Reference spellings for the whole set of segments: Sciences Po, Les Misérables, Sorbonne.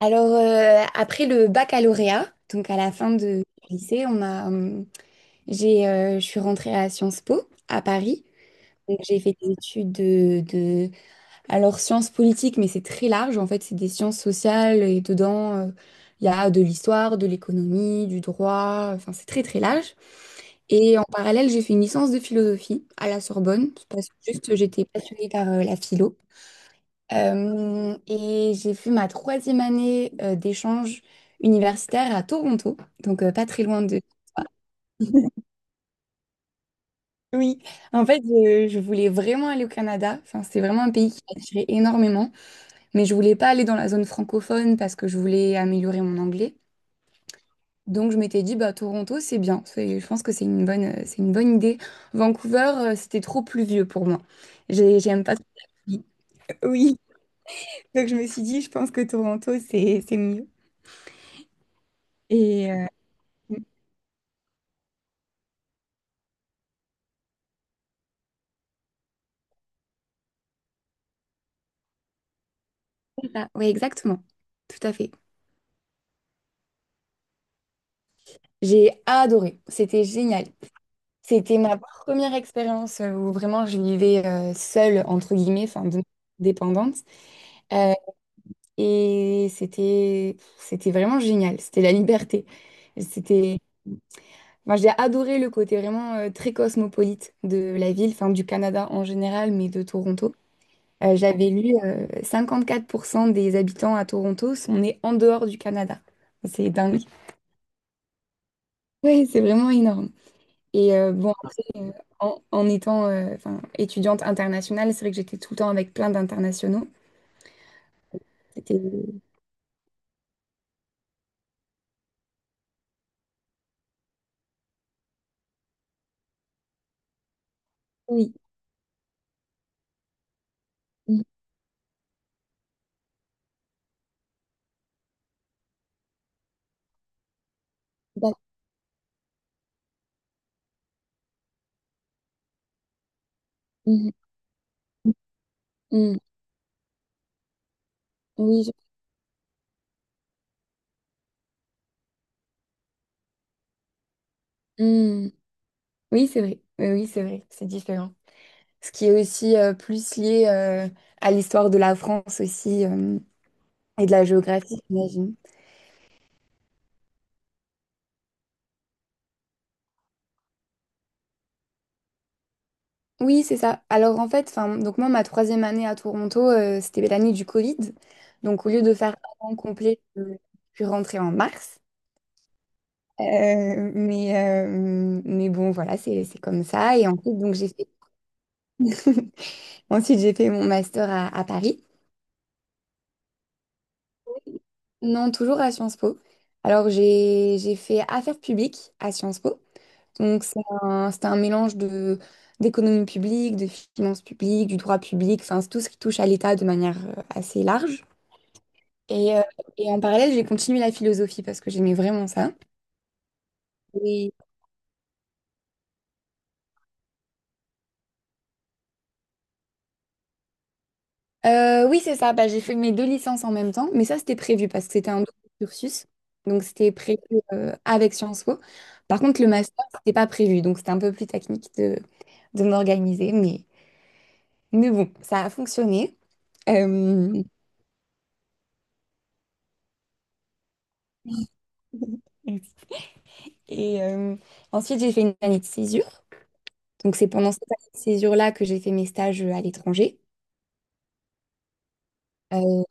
Alors, après le baccalauréat, donc à la fin de du lycée, je suis rentrée à Sciences Po à Paris. Donc, j'ai fait des études alors sciences politiques, mais c'est très large. En fait, c'est des sciences sociales et dedans, il y a de l'histoire, de l'économie, du droit. Enfin, c'est très, très large. Et en parallèle, j'ai fait une licence de philosophie à la Sorbonne parce que juste j'étais passionnée par la philo. Et j'ai fait ma troisième année d'échange universitaire à Toronto, donc pas très loin de toi. Oui, en fait, je voulais vraiment aller au Canada. Enfin, c'est vraiment un pays qui m'attirait énormément, mais je voulais pas aller dans la zone francophone parce que je voulais améliorer mon anglais. Donc, je m'étais dit, bah, Toronto, c'est bien. C'est- Je pense que c'est une c'est une bonne idée. Vancouver, c'était trop pluvieux pour moi. J'ai- J'aime pas trop la pluie. Oui, donc je me suis dit, je pense que Toronto, c'est mieux. Et, euh, Ah, oui, exactement. Tout à fait. J'ai adoré, c'était génial. C'était ma première expérience où vraiment je vivais seule, entre guillemets, enfin de- dépendante. Euh, et c'était vraiment génial, c'était la liberté. C'était, moi j'ai adoré le côté vraiment très cosmopolite de la ville, enfin du Canada en général, mais de Toronto. J'avais lu 54% des habitants à Toronto sont nés en dehors du Canada. C'est dingue. Ouais, c'est vraiment énorme. Et bon, après, en, en étant enfin, étudiante internationale, c'est vrai que j'étais tout le temps avec plein d'internationaux. C'était... Oui, mhm, d'ac- mhm, mhm, oui, je- mhm. Oui, c'est vrai. Oui, oui, c'est vrai, c'est différent. Ce qui est aussi plus lié à l'histoire de la France aussi et de la géographie, j'imagine. Oui, c'est ça. Alors en fait, enfin, donc moi, ma troisième année à Toronto, c'était l'année du Covid. Donc au lieu de faire un an complet, je suis rentrée en mars. Euh, mais, euh, mais bon, voilà, c'est comme ça. Et ensuite, donc, j'ai fait... ensuite, j'ai fait mon master à Paris. Non, toujours à Sciences Po. Alors, j'ai fait affaires publiques à Sciences Po. Donc, c'est un mélange de, d'économie publique, de finances publiques, du droit public, enfin, c'est tout ce qui touche à l'État de manière assez large. Et, euh, et en parallèle, j'ai continué la philosophie parce que j'aimais vraiment ça. Oui, c'est ça. Bah, j'ai fait mes deux licences en même temps, mais ça, c'était prévu parce que c'était un double cursus. Donc, c'était prévu avec Sciences Po. Par contre, le master, c'était pas prévu. Donc, c'était un peu plus technique de m'organiser. Mais bon, ça a fonctionné. Euh, Et ensuite, j'ai fait une année de césure. Donc, c'est pendant cette année de césure-là que j'ai fait mes stages à l'étranger. Euh,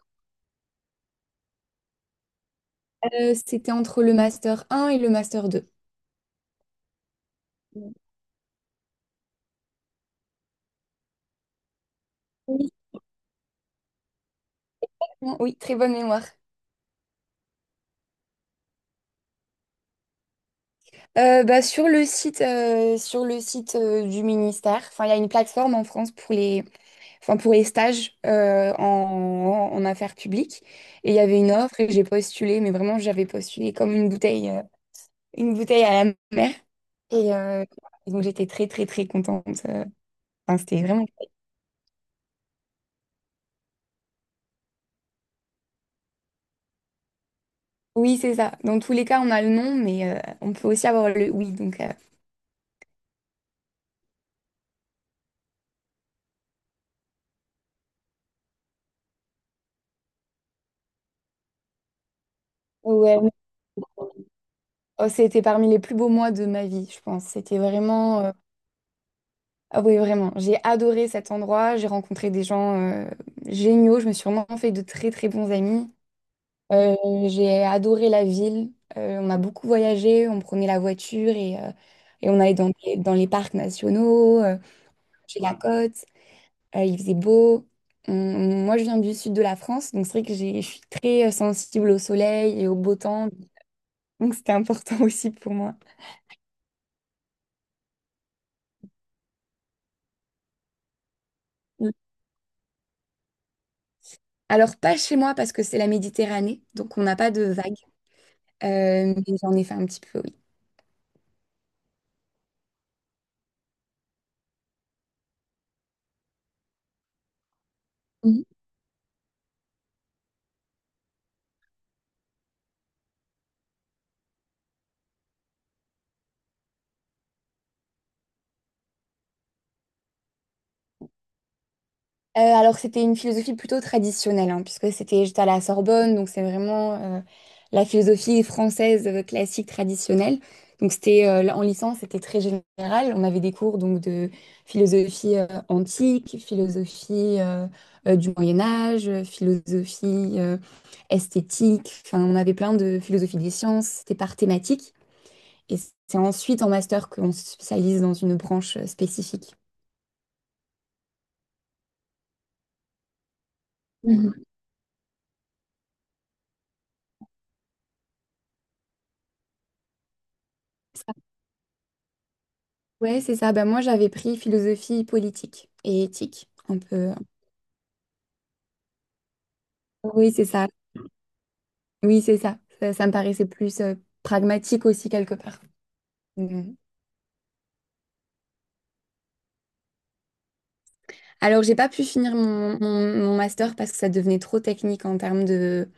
C'était entre le master 1 et le master 2. Oui, oui, très bonne mémoire. Bah, sur le site, du ministère, enfin, il y a une plateforme en France pour les, enfin, pour les stages en affaires publiques. Et il y avait une offre et j'ai postulé, mais vraiment, j'avais postulé comme une bouteille à la mer. Et euh, donc, j'étais très, très, très contente. Enfin, c'était vraiment cool. Oui, c'est ça. Dans tous les cas, on a le non, mais on peut aussi avoir le oui. Donc, ouais, oh, c'était parmi les plus beaux mois de ma vie, je pense. C'était vraiment. Ah oui, vraiment. J'ai adoré cet endroit. J'ai rencontré des gens géniaux. Je me suis vraiment fait de très, très bons amis. Euh, j'ai adoré la ville. On a beaucoup voyagé. On prenait la voiture et on allait dans, des- dans les parcs nationaux, chez la côte. Il faisait beau. On- moi, je viens du sud de la France. Donc, c'est vrai que j'ai- je suis très sensible au soleil et au beau temps. Donc, c'était important aussi pour moi. Mm. Alors, pas chez moi parce que c'est la Méditerranée. Donc, on n'a pas de vagues. Mais j'en ai fait un petit peu. Mhm. Alors c'était une philosophie plutôt traditionnelle, hein, puisque c'était j'étais à la Sorbonne, donc c'est vraiment la philosophie française classique traditionnelle. Donc c'était là, en licence, c'était très général. On avait des cours donc de philosophie antique, philosophie du Moyen Âge, philosophie euh, esthétique. Enfin, on avait plein de philosophie des sciences. C'était par thématique, et c'est ensuite en master qu'on se spécialise dans une branche spécifique. Mhm. Ouais, c'est ça. Ben, moi, j'avais pris philosophie politique et éthique. Un peu. Oui, c'est ça. Oui, c'est ça. Ça me paraissait plus pragmatique aussi, quelque part. Mhm. Alors, j'ai pas pu finir mon master parce que ça devenait trop technique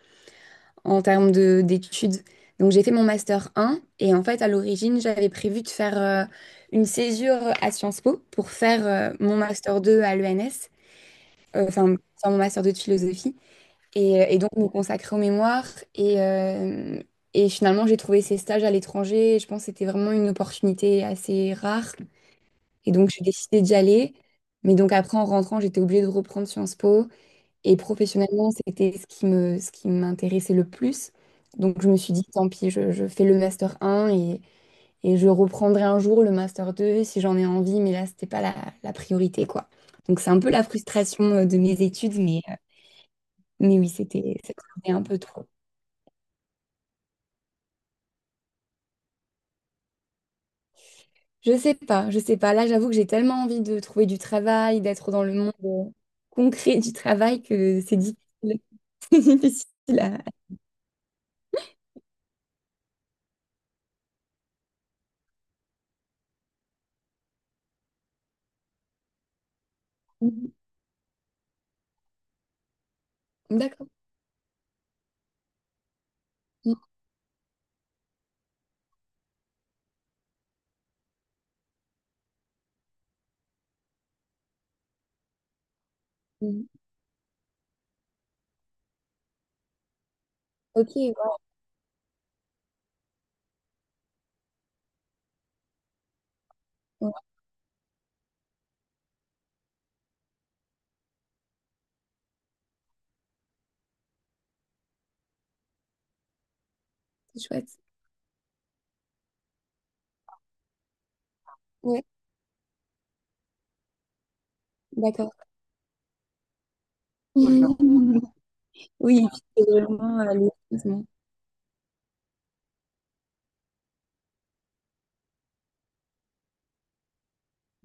en termes de, d'études. Donc, j'ai fait mon master un et en fait, à l'origine, j'avais prévu de faire une césure à Sciences Po pour faire mon master 2 à l'ENS, enfin, faire mon master 2 de philosophie. Et donc me consacrer aux mémoires. Et, euh, et finalement, j'ai trouvé ces stages à l'étranger. Et je pense que c'était vraiment une opportunité assez rare. Et donc, j'ai décidé d'y aller. Mais donc après, en rentrant, j'étais obligée de reprendre Sciences Po. Et professionnellement, c'était ce qui me, ce qui m'intéressait le plus. Donc, je me suis dit, tant pis, je fais le Master 1 et je reprendrai un jour le Master 2 si j'en ai envie. Mais là, c'était pas la, la priorité, quoi. Donc, c'est un peu la frustration de mes études. Mais oui, c'était un peu trop. Je sais pas, je sais pas. Là, j'avoue que j'ai tellement envie de trouver du travail, d'être dans le monde concret du travail que c'est difficile. C'est difficile à... D'accord. Mm, mm. Ok, ouais, ouais, c'est chouette. Ouais, d'accord. D'accord. Mm. Oui, et puis c'est vraiment, les- heureusement.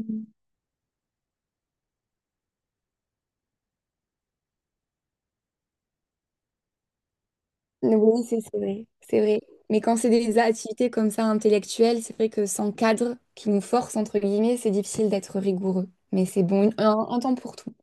Mm. Oui, c'est vrai, c'est vrai. Mais quand c'est des activités comme ça intellectuelles, c'est vrai que sans cadre qui nous force, entre guillemets, c'est difficile d'être rigoureux. Mais c'est bon, un temps pour tout.